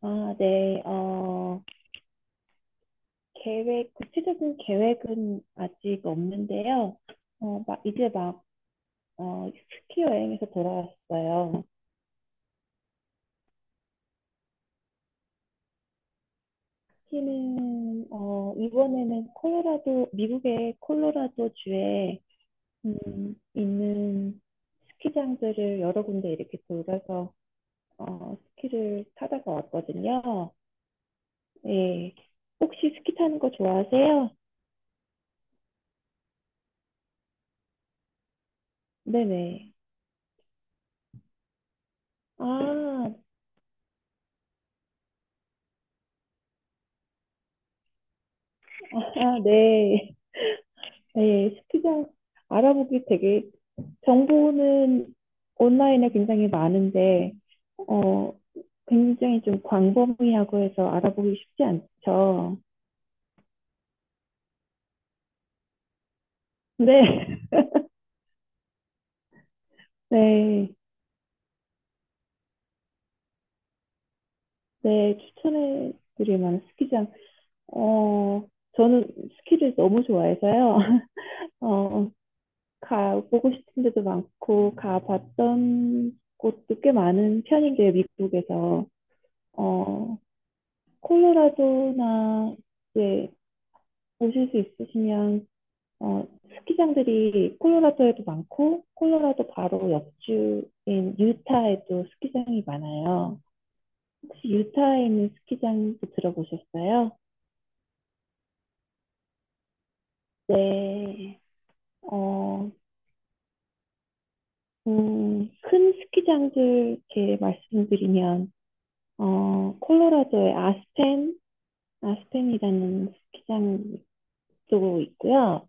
아, 네. 구체적인 계획은 아직 없는데요. 어, 막, 이제 막, 스키 여행에서 돌아왔어요. 스키는, 이번에는 콜로라도, 미국의 콜로라도 주에, 있는 스키장들을 여러 군데 이렇게 돌아서, 스키를 타다가 왔거든요. 예. 혹시 스키 타는 거 좋아하세요? 네네. 아, 아, 네. 네, 스키장 알아보기 되게 정보는 온라인에 굉장히 많은데 어 굉장히 좀 광범위하고 해서 알아보기 쉽지 않죠. 네, 네, 네 추천해 드릴 만한 스키장. 어 저는 스키를 너무 좋아해서요. 어 가보고 싶은 데도 많고 가봤던 곳도 꽤 많은 편인데요, 미국에서. 어 콜로라도나 이제 오실 수 있으시면 어, 스키장들이 콜로라도에도 많고 콜로라도 바로 옆주인 유타에도 스키장이 많아요. 혹시 유타에 있는 스키장도 들어보셨어요? 네. 어, 큰 스키장들 이렇게 말씀드리면 콜로라도의 아스펜, 아스펜이라는 스키장도 있고요.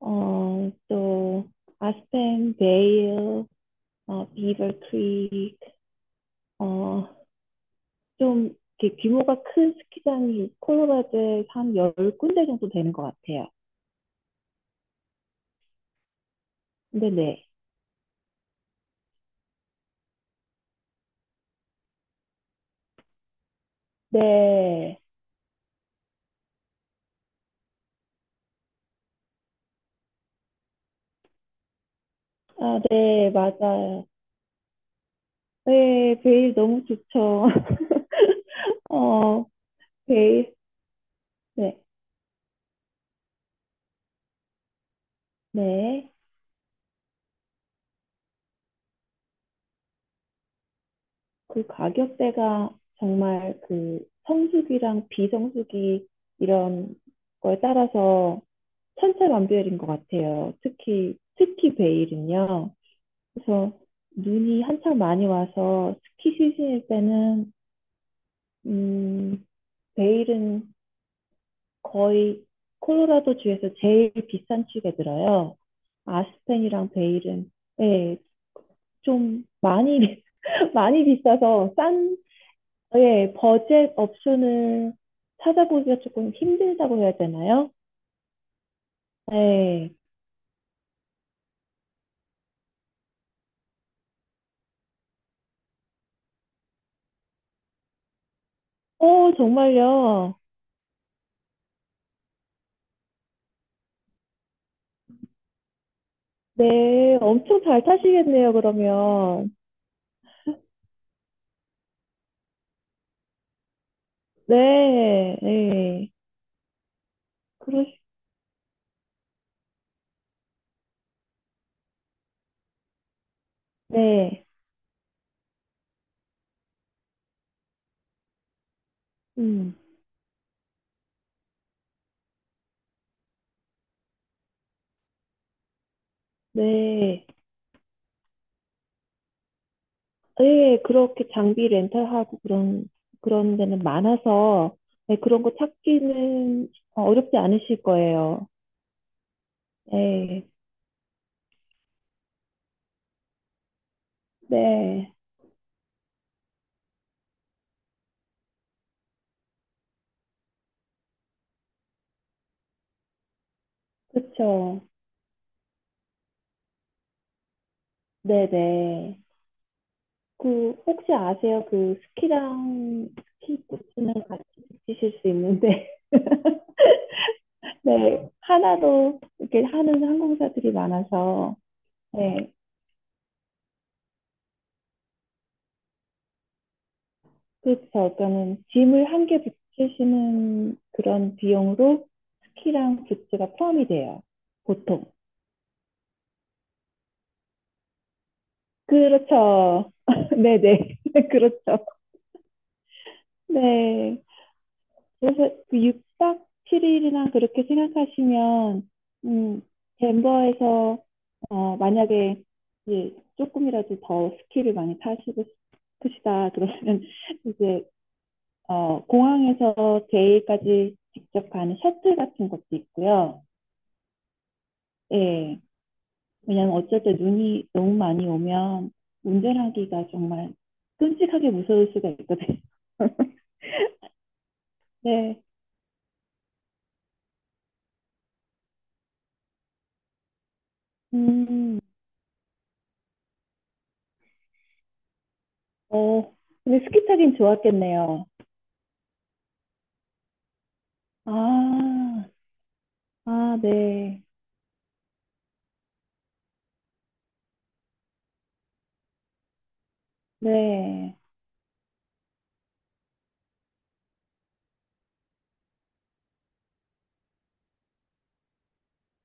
또 아스펜, 베일, 비버 크릭 어, 좀 이렇게 규모가 큰 스키장이 콜로라도에서 한 열 군데 정도 되는 것 같아요. 근데 네. 네. 아, 네, 맞아요. 네, 베일 너무 좋죠. 어, 베일. 네. 네. 그 가격대가 정말 그 성수기랑 비성수기 이런 거에 따라서 천차만별인 것 같아요. 특히 특히 베일은요. 그래서 눈이 한창 많이 와서 스키 시즌일 때는 음, 베일은 거의 콜로라도 주에서 제일 비싼 축에 들어요. 아스펜이랑 베일은 예, 좀 많이 많이 비싸서 싼 예, 버젯 옵션을 찾아보기가 조금 힘들다고 해야 되나요? 네. 정말요. 네, 엄청 잘 타시겠네요, 그러면. 네, 네. 그러, 네. 음. 네. 예, 그렇게 장비 렌탈하고 그런 데는 많아서, 네, 그런 거 찾기는 어렵지 않으실 거예요. 네. 네, 그쵸. 네네. 그, 혹시 아세요? 그, 스키랑 스키 부츠는 같이 붙이실 수 있는데, 네, 하나로 이렇게 하는 항공사들이 많아서, 네. 그렇죠. 그러니까는 짐을 한 개 붙이시는 그런 비용으로 스키랑 부츠가 포함이 돼요. 보통. 그렇죠. 네네. 그렇죠. 네. 그래서 그 6박 7일이나 그렇게 생각하시면, 음, 덴버에서, 만약에, 예, 조금이라도 더 스키를 많이 타시고 싶으시다. 그러면 이제, 공항에서 제일까지 직접 가는 셔틀 같은 것도 있고요. 예. 왜냐면 어쨌든 눈이 너무 많이 오면 운전하기가 정말 끔찍하게 무서울 수가 있거든요. 네. 음, 어, 근데 스키 타긴 좋았겠네요. 아, 아, 네. 네.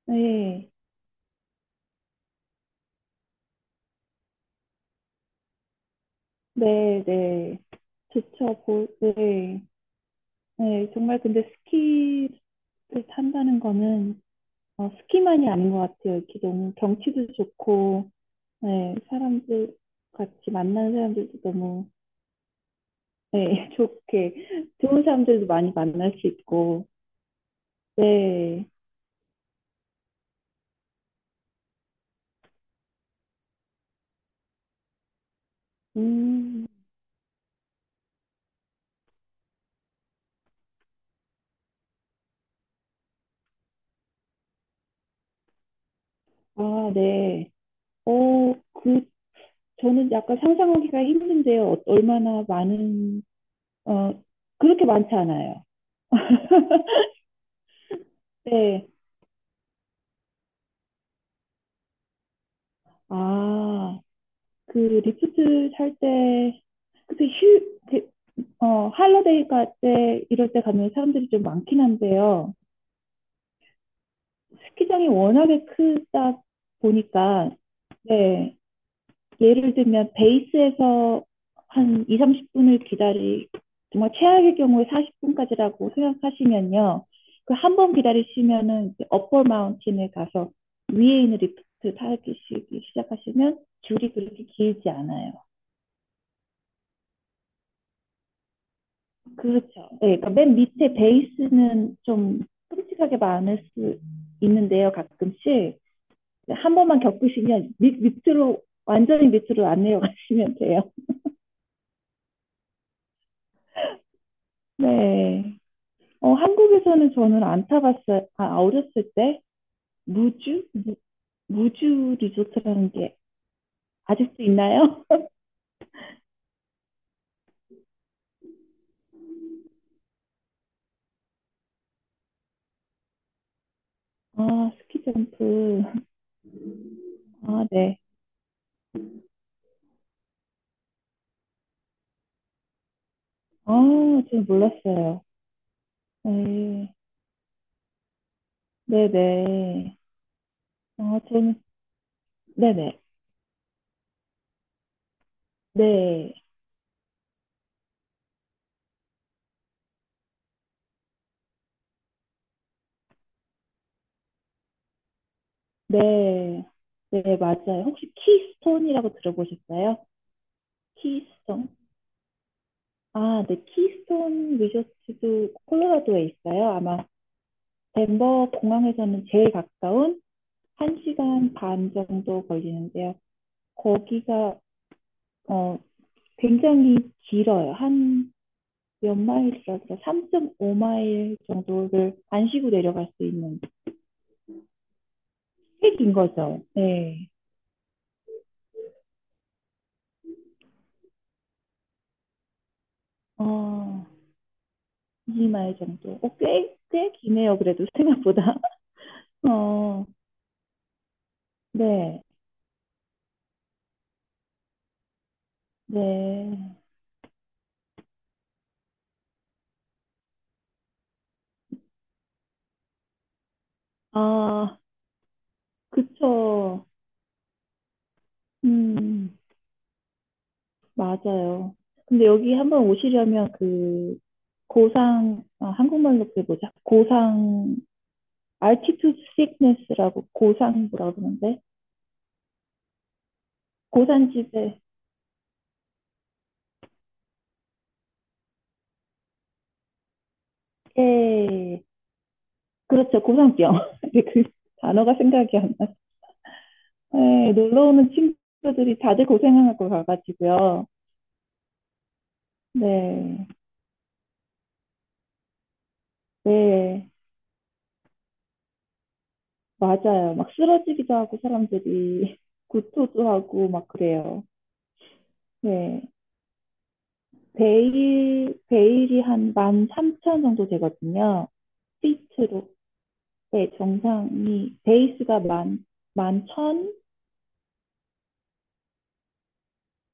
네. 네, 네. 좋죠. 네. 네. 정말 근데 스키를 탄다는 거는 스키만이 아닌 것 같아요. 이렇게 너무 경치도 좋고, 네, 사람들 같이 만나는 사람들도 너무, 네, 좋게, 좋은 사람들도 많이 만날 수 있고, 네, 음, 아, 네. 그, 저는 약간 상상하기가 힘든데요. 얼마나 많은, 어, 그렇게 많지 않아요. 네, 아, 그 리프트 탈 때, 그때 그 할러데이 갈 때, 이럴 때 가면 사람들이 좀 많긴 한데요. 스키장이 워낙에 크다 보니까, 네, 예를 들면 베이스에서 한 2, 30분을 정말 최악의 경우에 40분까지라고 생각하시면요. 그 한 번 기다리시면은 이제 업버 마운틴에 가서 위에 있는 리프트 타기 시작하시면 줄이 그렇게 길지 않아요. 그렇죠. 네, 그러니까 맨 밑에 베이스는 좀 끔찍하게 많을 수 있는데요, 가끔씩. 한 번만 겪으시면 밑으로, 완전히 밑으로 안 내려가시면 돼요. 네. 한국에서는 저는 안 타봤어요. 아, 어렸을 때 무주? 무주 리조트라는 게 아직도 있나요? 아, 스키 점프. 아, 네. 아, 저는 몰랐어요. 네. 네네. 아, 저는, 네네. 네. 네. 네, 맞아요. 혹시 키스톤이라고 들어보셨어요? 키스톤? 아, 네. 키스톤 리조트도 콜로라도에 있어요. 아마 덴버 공항에서는 제일 가까운 1시간 반 정도 걸리는데요. 거기가 어, 굉장히 길어요. 한 몇 마일이라 그래요. 3.5마일 정도를 안 쉬고 내려갈 수 있는 꽤 긴 거죠. 네. 어, 2마일 정도. 꽤, 꽤 기네요. 그래도 생각보다. 어, 네, 네. 아, 그쵸. 음, 맞아요. 근데 여기 한번 오시려면 그 고상, 아, 한국말로 그게 뭐지? 고상, altitude sickness라고 고상 뭐라 그러는데? 고산지대. 예, 그렇죠. 고산병. 근데 그 단어가 생각이 안 나. 네, 놀러 오는 친구들이 다들 고생하고 가가지고요. 네, 네. 맞아요. 막 쓰러지기도 하고 사람들이 구토도 하고 막 그래요. 네. 베일이 한만3천 정도 되거든요. 피트로. 네, 베이스가 만, 만 천?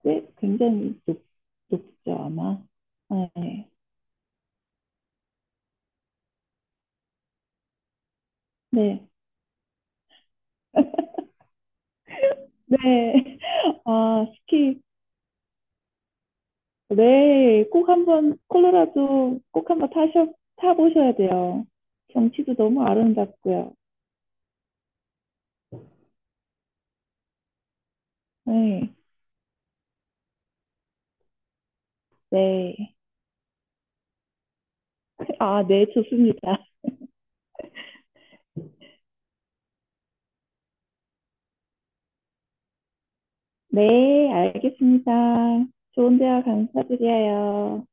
네. 꽤 굉장히 높죠, 아마. 네. 네. 네. 아, 스키. 네. 꼭 한번, 콜로라도 꼭 한번 타보셔야 돼요. 경치도 너무 아름답고요. 네. 네. 아, 네, 좋습니다. 네, 알겠습니다. 좋은 대화 감사드려요.